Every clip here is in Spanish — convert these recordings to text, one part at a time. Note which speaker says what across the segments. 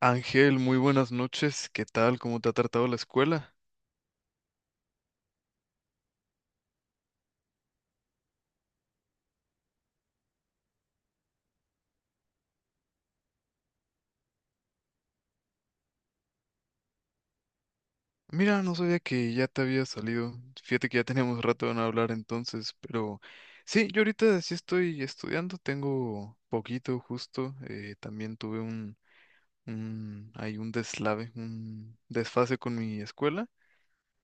Speaker 1: Ángel, muy buenas noches. ¿Qué tal? ¿Cómo te ha tratado la escuela? Mira, no sabía que ya te había salido. Fíjate que ya teníamos rato de no hablar entonces, pero sí, yo ahorita sí estoy estudiando, tengo poquito justo. También tuve hay un deslave, un desfase con mi escuela,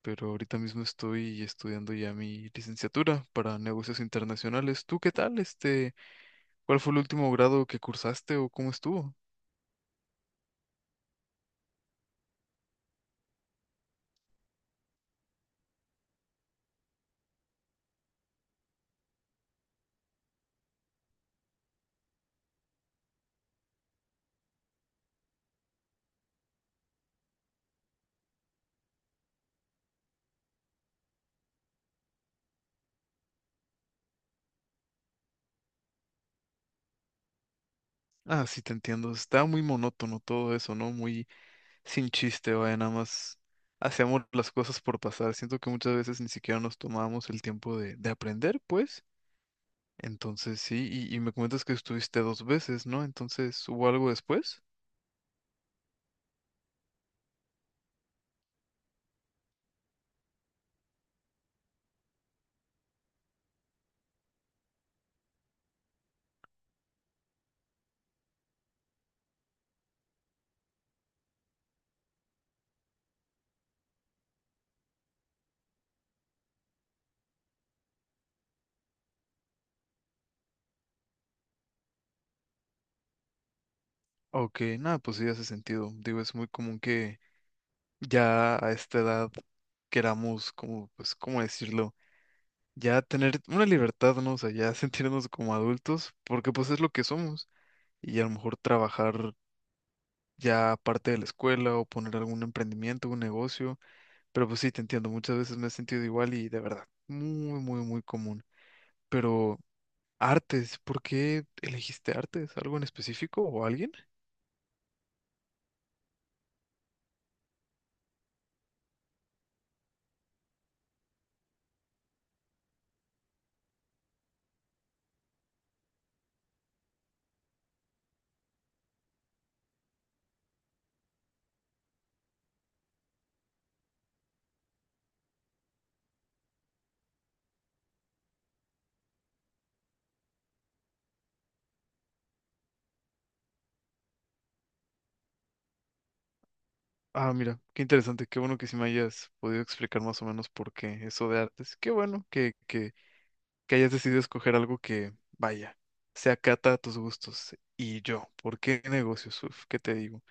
Speaker 1: pero ahorita mismo estoy estudiando ya mi licenciatura para negocios internacionales. ¿Tú qué tal? ¿Cuál fue el último grado que cursaste o cómo estuvo? Ah, sí, te entiendo. Está muy monótono todo eso, ¿no? Muy sin chiste, vaya, nada más hacemos las cosas por pasar. Siento que muchas veces ni siquiera nos tomamos el tiempo de aprender, pues. Entonces, sí, y me comentas que estuviste dos veces, ¿no? Entonces, ¿hubo algo después? Ok, nada, pues sí hace sentido. Digo, es muy común que ya a esta edad queramos, como, pues, ¿cómo decirlo? Ya tener una libertad, ¿no? O sea, ya sentirnos como adultos, porque pues es lo que somos. Y a lo mejor trabajar ya aparte de la escuela o poner algún emprendimiento, un negocio, pero pues sí, te entiendo, muchas veces me he sentido igual y de verdad, muy, muy, muy común. Pero artes, ¿por qué elegiste artes? ¿Algo en específico o alguien? Ah, mira, qué interesante, qué bueno que sí me hayas podido explicar más o menos por qué eso de artes. Qué bueno que, que hayas decidido escoger algo que, vaya, se acata a tus gustos. Y yo, ¿por qué negocios? Uf, ¿qué te digo?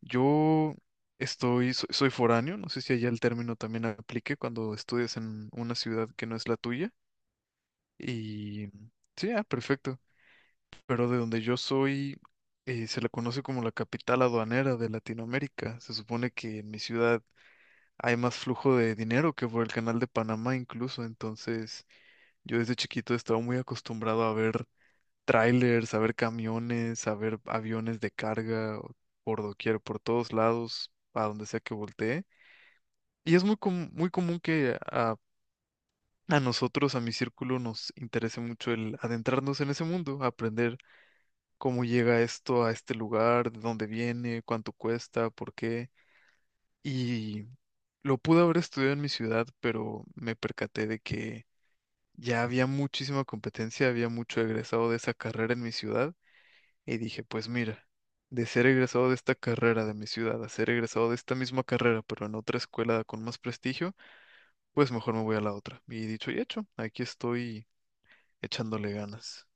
Speaker 1: Yo soy foráneo, no sé si allá el término también aplique cuando estudias en una ciudad que no es la tuya. Y sí, ah, perfecto. Pero de donde yo soy, se la conoce como la capital aduanera de Latinoamérica. Se supone que en mi ciudad hay más flujo de dinero que por el canal de Panamá incluso. Entonces, yo desde chiquito he estado muy acostumbrado a ver trailers, a ver camiones, a ver aviones de carga, por doquier, por todos lados, a donde sea que voltee. Y es muy, muy común que a nosotros, a mi círculo, nos interese mucho el adentrarnos en ese mundo, aprender cómo llega esto a este lugar, de dónde viene, cuánto cuesta, por qué. Y lo pude haber estudiado en mi ciudad, pero me percaté de que ya había muchísima competencia, había mucho egresado de esa carrera en mi ciudad. Y dije, pues mira, de ser egresado de esta carrera de mi ciudad a ser egresado de esta misma carrera, pero en otra escuela con más prestigio, pues mejor me voy a la otra. Y dicho y hecho, aquí estoy echándole ganas.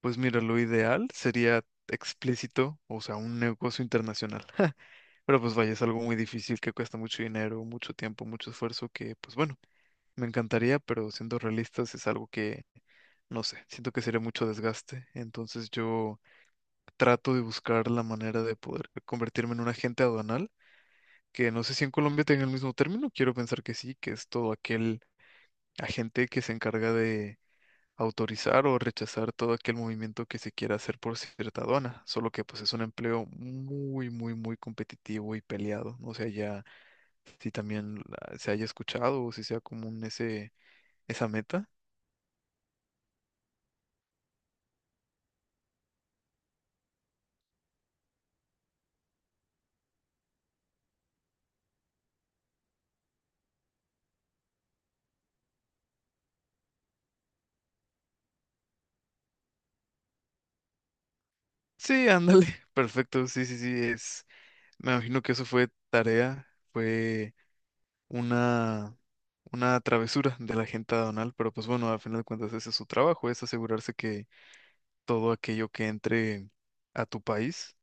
Speaker 1: Pues mira, lo ideal sería explícito, o sea, un negocio internacional. Pero pues vaya, es algo muy difícil que cuesta mucho dinero, mucho tiempo, mucho esfuerzo, que pues bueno, me encantaría, pero siendo realistas es algo que, no sé, siento que sería mucho desgaste. Entonces yo trato de buscar la manera de poder convertirme en un agente aduanal, que no sé si en Colombia tenga el mismo término, quiero pensar que sí, que es todo aquel agente que se encarga de autorizar o rechazar todo aquel movimiento que se quiera hacer por cierta aduana, solo que pues es un empleo muy, muy, muy competitivo y peleado, no sé ya si también se haya escuchado o si sea común ese, esa meta. Sí, ándale, perfecto, sí, sí, sí, es, me imagino que eso fue tarea, fue una, una travesura de la gente aduanal, pero pues bueno, al final de cuentas ese es su trabajo, es asegurarse que todo aquello que entre a tu país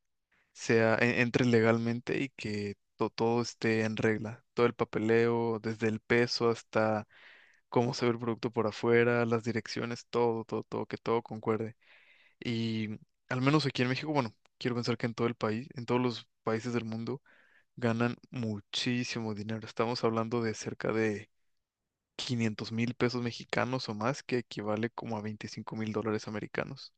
Speaker 1: entre legalmente y que todo esté en regla, todo el papeleo, desde el peso hasta cómo se ve el producto por afuera, las direcciones, todo, todo, todo, que todo concuerde. Y al menos aquí en México, bueno, quiero pensar que en todo el país, en todos los países del mundo, ganan muchísimo dinero. Estamos hablando de cerca de 500.000 pesos mexicanos o más, que equivale como a 25.000 dólares americanos.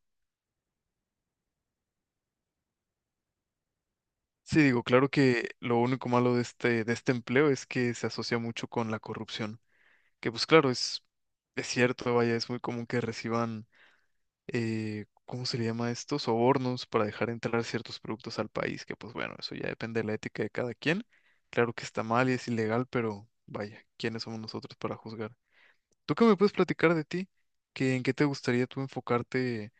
Speaker 1: Sí, digo, claro que lo único malo de este empleo es que se asocia mucho con la corrupción, que pues claro, es cierto, vaya, es muy común que reciban, ¿cómo se le llama esto? Sobornos para dejar entrar ciertos productos al país, que pues bueno, eso ya depende de la ética de cada quien. Claro que está mal y es ilegal, pero vaya, ¿quiénes somos nosotros para juzgar? ¿Tú qué me puedes platicar de ti? ¿Qué, en qué te gustaría tú enfocarte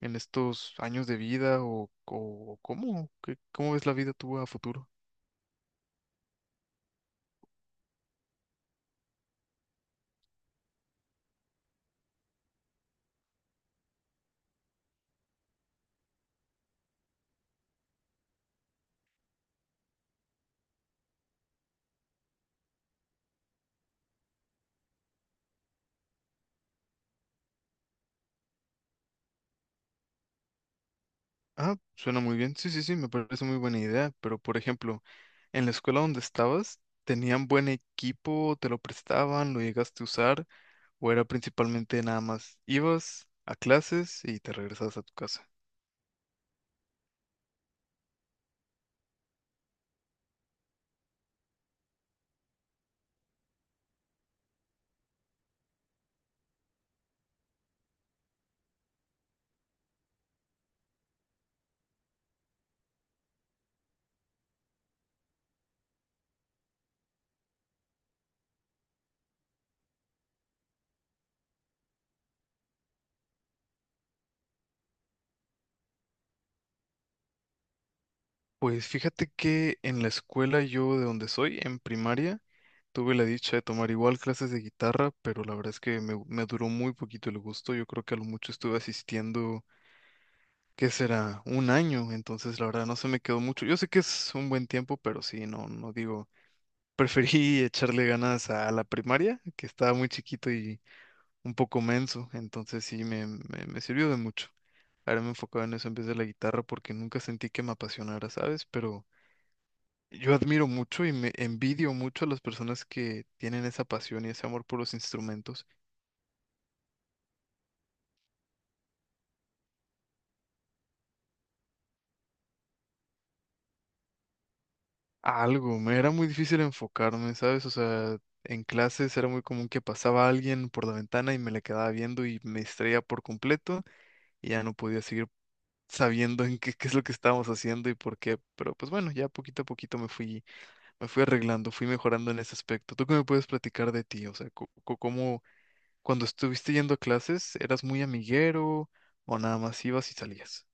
Speaker 1: en estos años de vida o cómo? ¿Cómo ves la vida tú a futuro? Ah, suena muy bien. Sí, sí, sí, me parece muy buena idea. Pero, por ejemplo, en la escuela donde estabas, ¿tenían buen equipo? ¿Te lo prestaban? ¿Lo llegaste a usar? ¿O era principalmente nada más ibas a clases y te regresabas a tu casa? Pues fíjate que en la escuela yo de donde soy, en primaria, tuve la dicha de tomar igual clases de guitarra, pero la verdad es que me duró muy poquito el gusto. Yo creo que a lo mucho estuve asistiendo, ¿qué será? Un año, entonces la verdad no se me quedó mucho. Yo sé que es un buen tiempo, pero sí, no, no digo, preferí echarle ganas a la primaria, que estaba muy chiquito y un poco menso, entonces sí me sirvió de mucho. Ahora me enfocaba en eso en vez de la guitarra porque nunca sentí que me apasionara, ¿sabes? Pero yo admiro mucho y me envidio mucho a las personas que tienen esa pasión y ese amor por los instrumentos. Algo, me era muy difícil enfocarme, ¿sabes? O sea, en clases era muy común que pasaba alguien por la ventana y me le quedaba viendo y me distraía por completo y ya no podía seguir sabiendo en qué, qué es lo que estábamos haciendo y por qué. Pero pues bueno, ya poquito a poquito me fui arreglando, fui mejorando en ese aspecto. ¿Tú qué me puedes platicar de ti? O sea, ¿cómo cuando estuviste yendo a clases eras muy amiguero o nada más ibas y salías?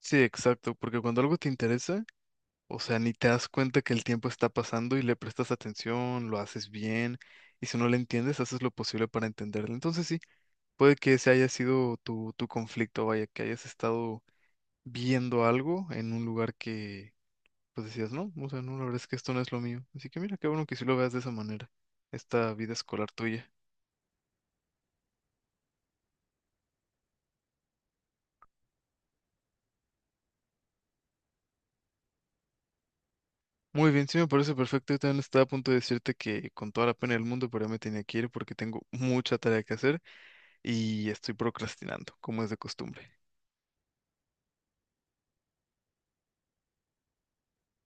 Speaker 1: Sí, exacto, porque cuando algo te interesa, o sea, ni te das cuenta que el tiempo está pasando y le prestas atención, lo haces bien, y si no le entiendes, haces lo posible para entenderlo. Entonces sí, puede que ese haya sido tu conflicto, vaya, que hayas estado viendo algo en un lugar que, pues decías, no, o sea, no, la verdad es que esto no es lo mío. Así que mira, qué bueno que sí lo veas de esa manera, esta vida escolar tuya. Muy bien, sí me parece perfecto. Yo también estaba a punto de decirte que con toda la pena del mundo, pero ya me tenía que ir porque tengo mucha tarea que hacer y estoy procrastinando, como es de costumbre.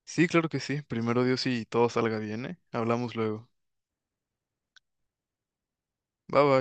Speaker 1: Sí, claro que sí. Primero Dios y todo salga bien, ¿eh? Hablamos luego. Bye bye.